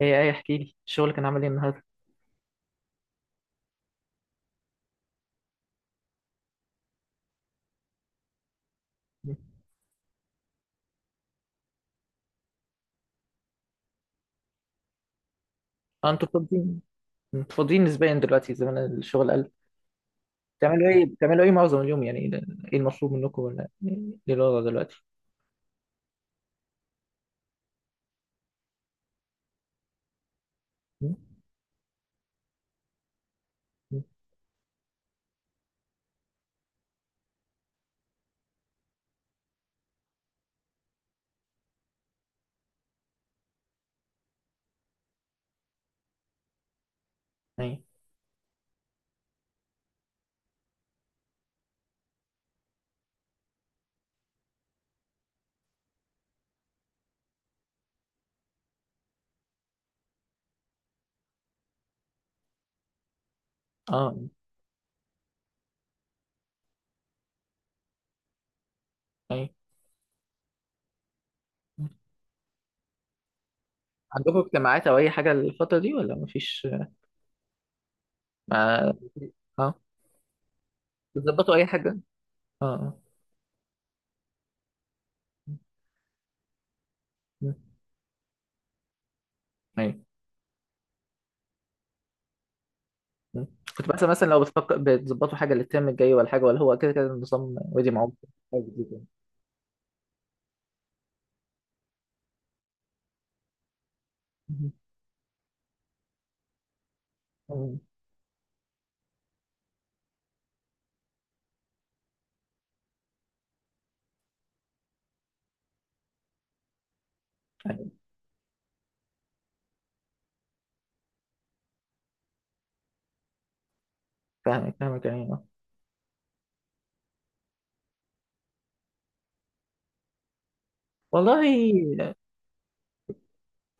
ايه احكي لي الشغل كان عامل ايه النهارده. اه انتوا فاضيين، انتوا فاضيين نسبيا دلوقتي، زمان الشغل قل. بتعملوا ايه معظم اليوم يعني؟ ايه المطلوب منكم، ولا ايه الوضع دلوقتي؟ م? م. ايه. اه. ايه. عندكم اجتماعات او اي حاجه الفتره دي ولا مفيش؟ ما اه، بتظبطوا اي حاجه؟ اه اه. م. ايه. م. كنت بحسب مثلا لو بتفكر بتظبطوا حاجه للترم الجاي، ولا حاجه، ولا هو كده كده النظام ودي معاكم؟ حاجة جديدة. م. م. أيوة. فاهمك فاهمك يعني. والله،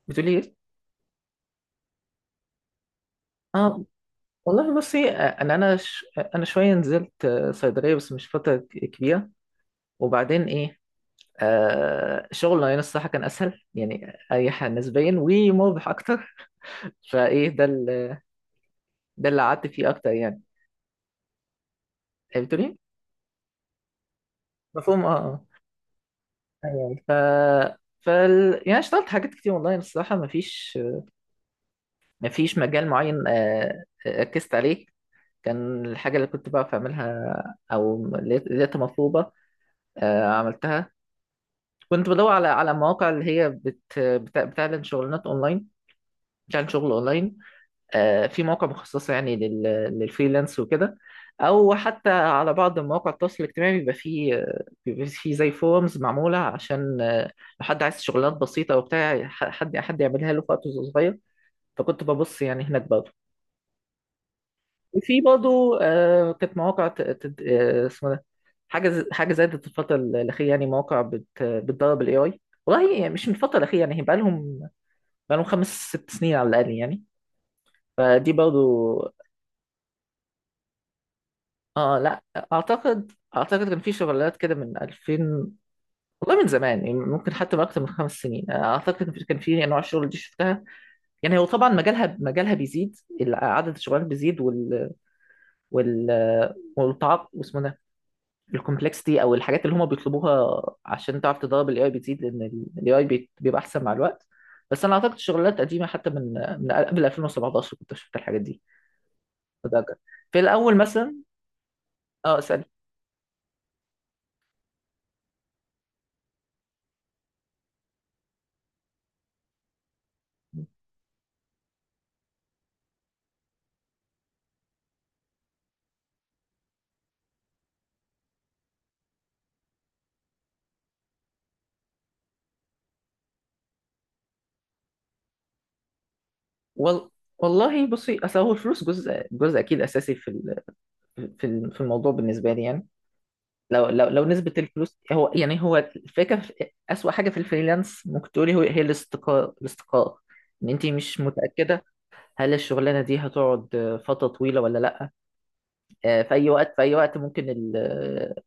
بتقولي ايه؟ اه. والله بصي، انا شويه نزلت صيدليه بس مش فتره كبيره. وبعدين ايه، شغل يعني، الصراحه كان اسهل، يعني اريح نسبيا، ومربح اكتر. فايه ده ال... ده اللي قعدت فيه اكتر يعني. بتقولي إيه؟ مفهوم اه اه. أيوة. يعني اشتغلت حاجات كتير، والله الصراحه مفيش، مفيش مجال معين ركزت عليه. كان الحاجه اللي كنت بعرف اعملها او لقيتها مطلوبه، عملتها. كنت بدور على على مواقع اللي هي بتعلن شغلانات اونلاين، بتعلن شغل اونلاين. في مواقع مخصصه يعني للفريلانس وكده، او حتى على بعض مواقع التواصل الاجتماعي بيبقى فيه بيبقى فيه زي فورمز معموله عشان لو حد عايز شغلانات بسيطه وبتاع حد يعملها له في وقت صغير. فكنت ببص يعني هناك برضه. وفي برضه كانت مواقع اسمه ده، حاجه زادت الفتره الاخيره، يعني مواقع بتدرب الاي اي. والله يعني مش من الفتره الاخيره، يعني بقى لهم، بقى لهم خمس ست سنين على الاقل يعني. فدي برضه. اه لا، اعتقد كان في شغلات كده من 2000. والله من زمان يعني، ممكن حتى من اكتر من خمس سنين، اعتقد كان في، كان في انواع الشغل دي شفتها. يعني هو طبعا مجالها بيزيد، عدد الشغلات بيزيد، وال والتعاقد، الكومبلكسيتي او الحاجات اللي هم بيطلبوها عشان تعرف تدرب الاي اي بتزيد، لان الاي اي بيبقى احسن مع الوقت. بس انا اعتقد شغلات قديمه حتى من، من قبل 2017، كنت شفت الحاجات دي أتذكر. في الاول مثلا. اه اسال. وال... والله بصي، اصل هو الفلوس جزء اكيد اساسي في في الموضوع بالنسبه لي يعني. لو نسبه الفلوس هو يعني، هو الفكره اسوأ حاجه في الفريلانس ممكن تقولي هو، هي الاستقرار. الاستقرار، ان انت مش متاكده هل الشغلانه دي هتقعد فتره طويله ولا لا. في اي وقت، في اي وقت ممكن ال-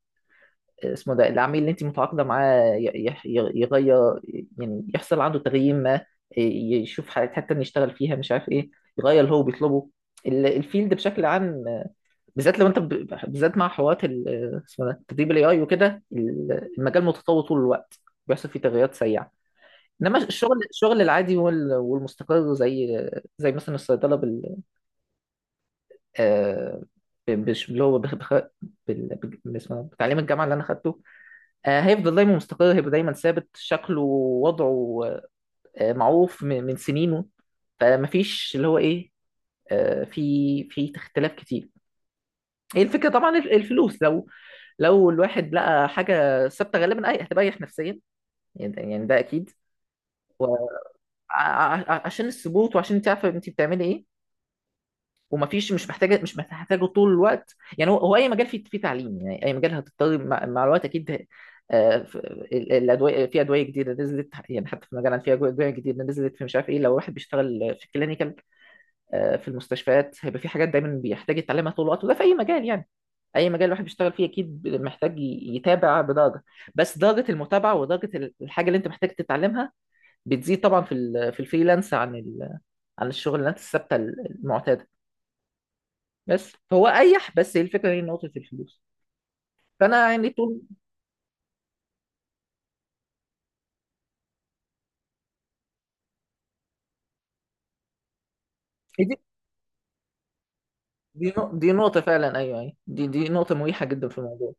آه، اسمه ده، العميل اللي انت متعاقده معاه يغير، يعني يحصل عنده تغيير ما، يشوف حاجات حتى إن يشتغل فيها، مش عارف ايه، يغير اللي هو بيطلبه. الفيلد بشكل عام بالذات لو انت بالذات مع حوارات اسمه ده، تدريب الاي اي وكده، المجال متطور طول الوقت، بيحصل فيه تغيرات سريعه. انما الشغل العادي والمستقر زي زي مثلا الصيدله، آه، اللي هو بال... اسمه، بتعليم الجامعه اللي انا خدته، هيفضل دايما مستقر، هيبقى دايما ثابت شكله ووضعه، معروف من من سنينه. فمفيش اللي هو ايه، آه، في في اختلاف كتير. هي الفكره طبعا، الفلوس، لو لو الواحد لقى حاجه ثابته، غالبا اي هتريح نفسيا، يعني ده اكيد. وعشان الثبوت، وعشان تعرف انت بتعملي ايه، ومفيش، مش محتاجه مش محتاجه طول الوقت. يعني هو اي مجال فيه، فيه تعليم، يعني اي مجال هتضطر مع مع الوقت اكيد، الادويه، في ادويه جديده نزلت يعني، حتى في مجالنا في ادويه جديده نزلت في، مش عارف ايه، لو واحد بيشتغل في الكلينيكال في المستشفيات، هيبقى في حاجات دايما بيحتاج يتعلمها طول الوقت، وده في اي مجال يعني. اي مجال الواحد بيشتغل فيه اكيد محتاج يتابع بدرجه، بس درجه المتابعه ودرجه الحاجه اللي انت محتاج تتعلمها بتزيد طبعا في في الفريلانس عن عن الشغلانات الثابته المعتاده. بس هو اريح، بس هي الفكره، هي نقطه الفلوس. فانا يعني طول. دي دي نقطه فعلا، ايوه ايوه، دي نقطه مريحه جدا في الموضوع.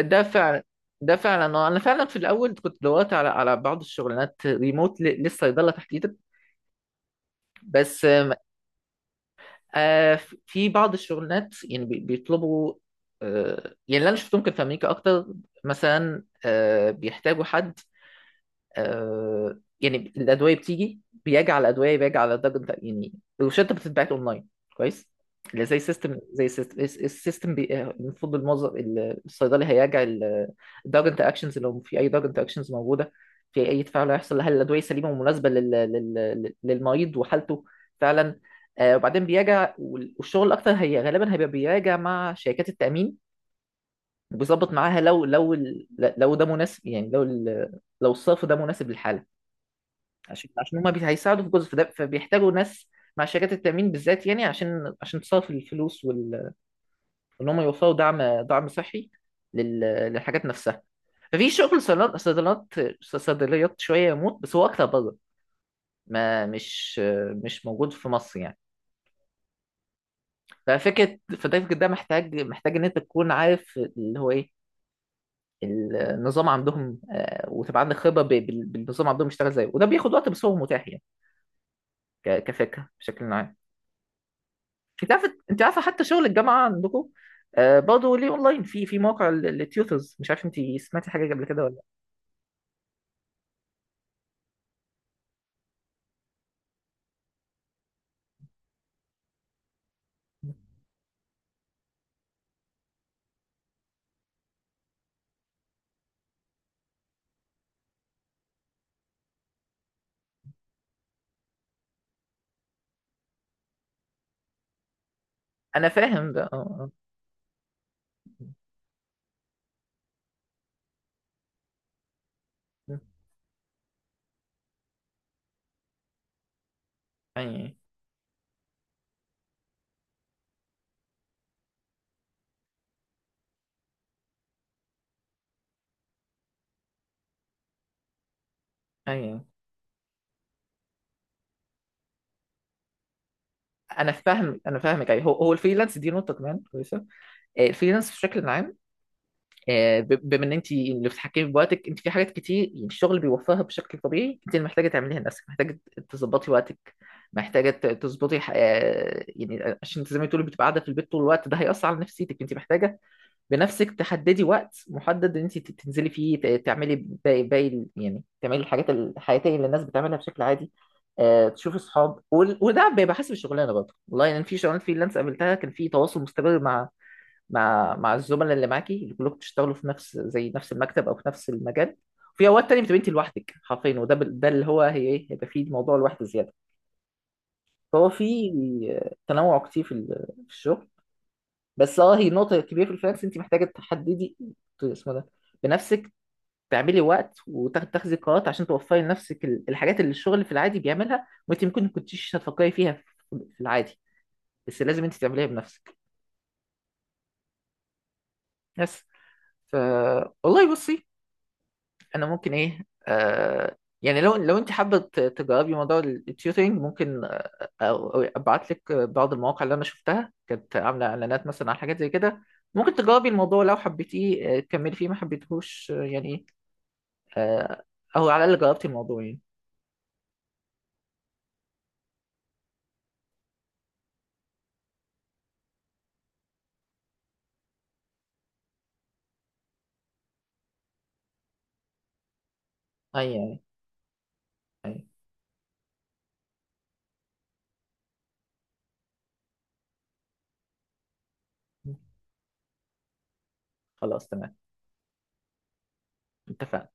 ده فعلا، ده فعلا انا فعلا في الاول كنت دورت على على بعض الشغلانات ريموت للصيدله تحديدا، بس آم، آه، في بعض الشغلانات يعني بيطلبوا، يعني اللي انا شفتهم كان في امريكا اكتر. مثلا بيحتاجوا حد يعني، الادويه بتيجي، بيجي على الادويه بيجي على درجه يعني، الروشته بتتبعت اونلاين كويس، اللي زي سيستم، زي سيستم السيستم المفروض الموظف الصيدلي هيراجع الدرج انتر اكشنز، لو في اي درج انتر اكشنز موجوده، في اي تفاعل هيحصل، هل الادويه سليمه ومناسبه للمريض وحالته فعلا. وبعدين بيراجع، والشغل الاكتر هي غالبا هيبقى بيراجع مع شركات التامين، وبيظبط معاها لو لو ده مناسب، يعني لو الصرف ده مناسب للحاله، عشان عشان هما هيساعدوا في جزء، فده فبيحتاجوا ناس مع شركات التأمين بالذات يعني، عشان عشان تصرف الفلوس وان هم يوفروا دعم، دعم صحي للحاجات نفسها. ففي شغل صيدلات صيدليات شوية يموت، بس هو أكتر بره، ما مش، مش موجود في مصر يعني. ففكرة فده فكرة ده محتاج، محتاج إن أنت تكون عارف اللي هو إيه النظام عندهم، وتبقى عندك خبرة بالنظام عندهم بيشتغل إزاي، وده بياخد وقت، بس هو متاح يعني، كفكرة بشكل عام. انت عارفه، انت عارفه حتى شغل الجامعه عندكم برضه ليه اونلاين، في في موقع التيوترز، مش عارف انت سمعتي حاجه قبل كده ولا. لا. انا فاهم ده اه. اه اي اي. انا فاهم، انا فاهمك. اي، هو الفريلانس دي نقطه كمان كويسه. الفريلانس بشكل عام، بما ان انت اللي بتتحكمي بوقتك انت في حاجات كتير يعني الشغل بيوفرها بشكل طبيعي، انت اللي محتاجه تعمليها لنفسك. محتاجه تظبطي وقتك، محتاجه تظبطي يعني عشان انت زي ما تقولي بتبقى قاعده في البيت طول الوقت، ده هيأثر على نفسيتك. انت محتاجه بنفسك تحددي وقت محدد ان انت تنزلي فيه تعملي باقي يعني تعملي الحاجات الحياتيه اللي الناس بتعملها بشكل عادي، تشوفي اصحاب وده بيبقى حسب الشغلانه برضه. والله يعني في شغلانه فريلانس قابلتها، كان في تواصل مستمر مع مع الزملاء اللي معاكي، اللي كلكم بتشتغلوا في نفس، زي نفس المكتب، او في نفس المجال. في اوقات تانية بتبقى انت لوحدك حرفيا، وده ده اللي هو هي ايه، هيبقى فيه موضوع لوحده زياده. فهو في تنوع كتير في في الشغل. بس اه، هي نقطة كبيرة في الفريلانس، انت محتاجة تحددي، اسمه ده، بنفسك تعملي وقت وتاخدي قرارات عشان توفري لنفسك الحاجات اللي الشغل في العادي بيعملها، وانت ممكن ما كنتيش هتفكري فيها في في العادي، بس لازم انت تعمليها بنفسك. بس. ف، والله بصي، انا ممكن ايه، يعني لو لو انت حابه تجربي موضوع التيوترينج، ممكن ابعت لك بعض المواقع اللي انا شفتها كانت عامله اعلانات مثلا على حاجات زي كده. ممكن تجربي الموضوع، لو حبيتيه تكملي فيه، ما حبيتهوش آه، او على الاقل جربتي الموضوع يعني. اي يعني. أي. خلاص تمام، اتفقنا.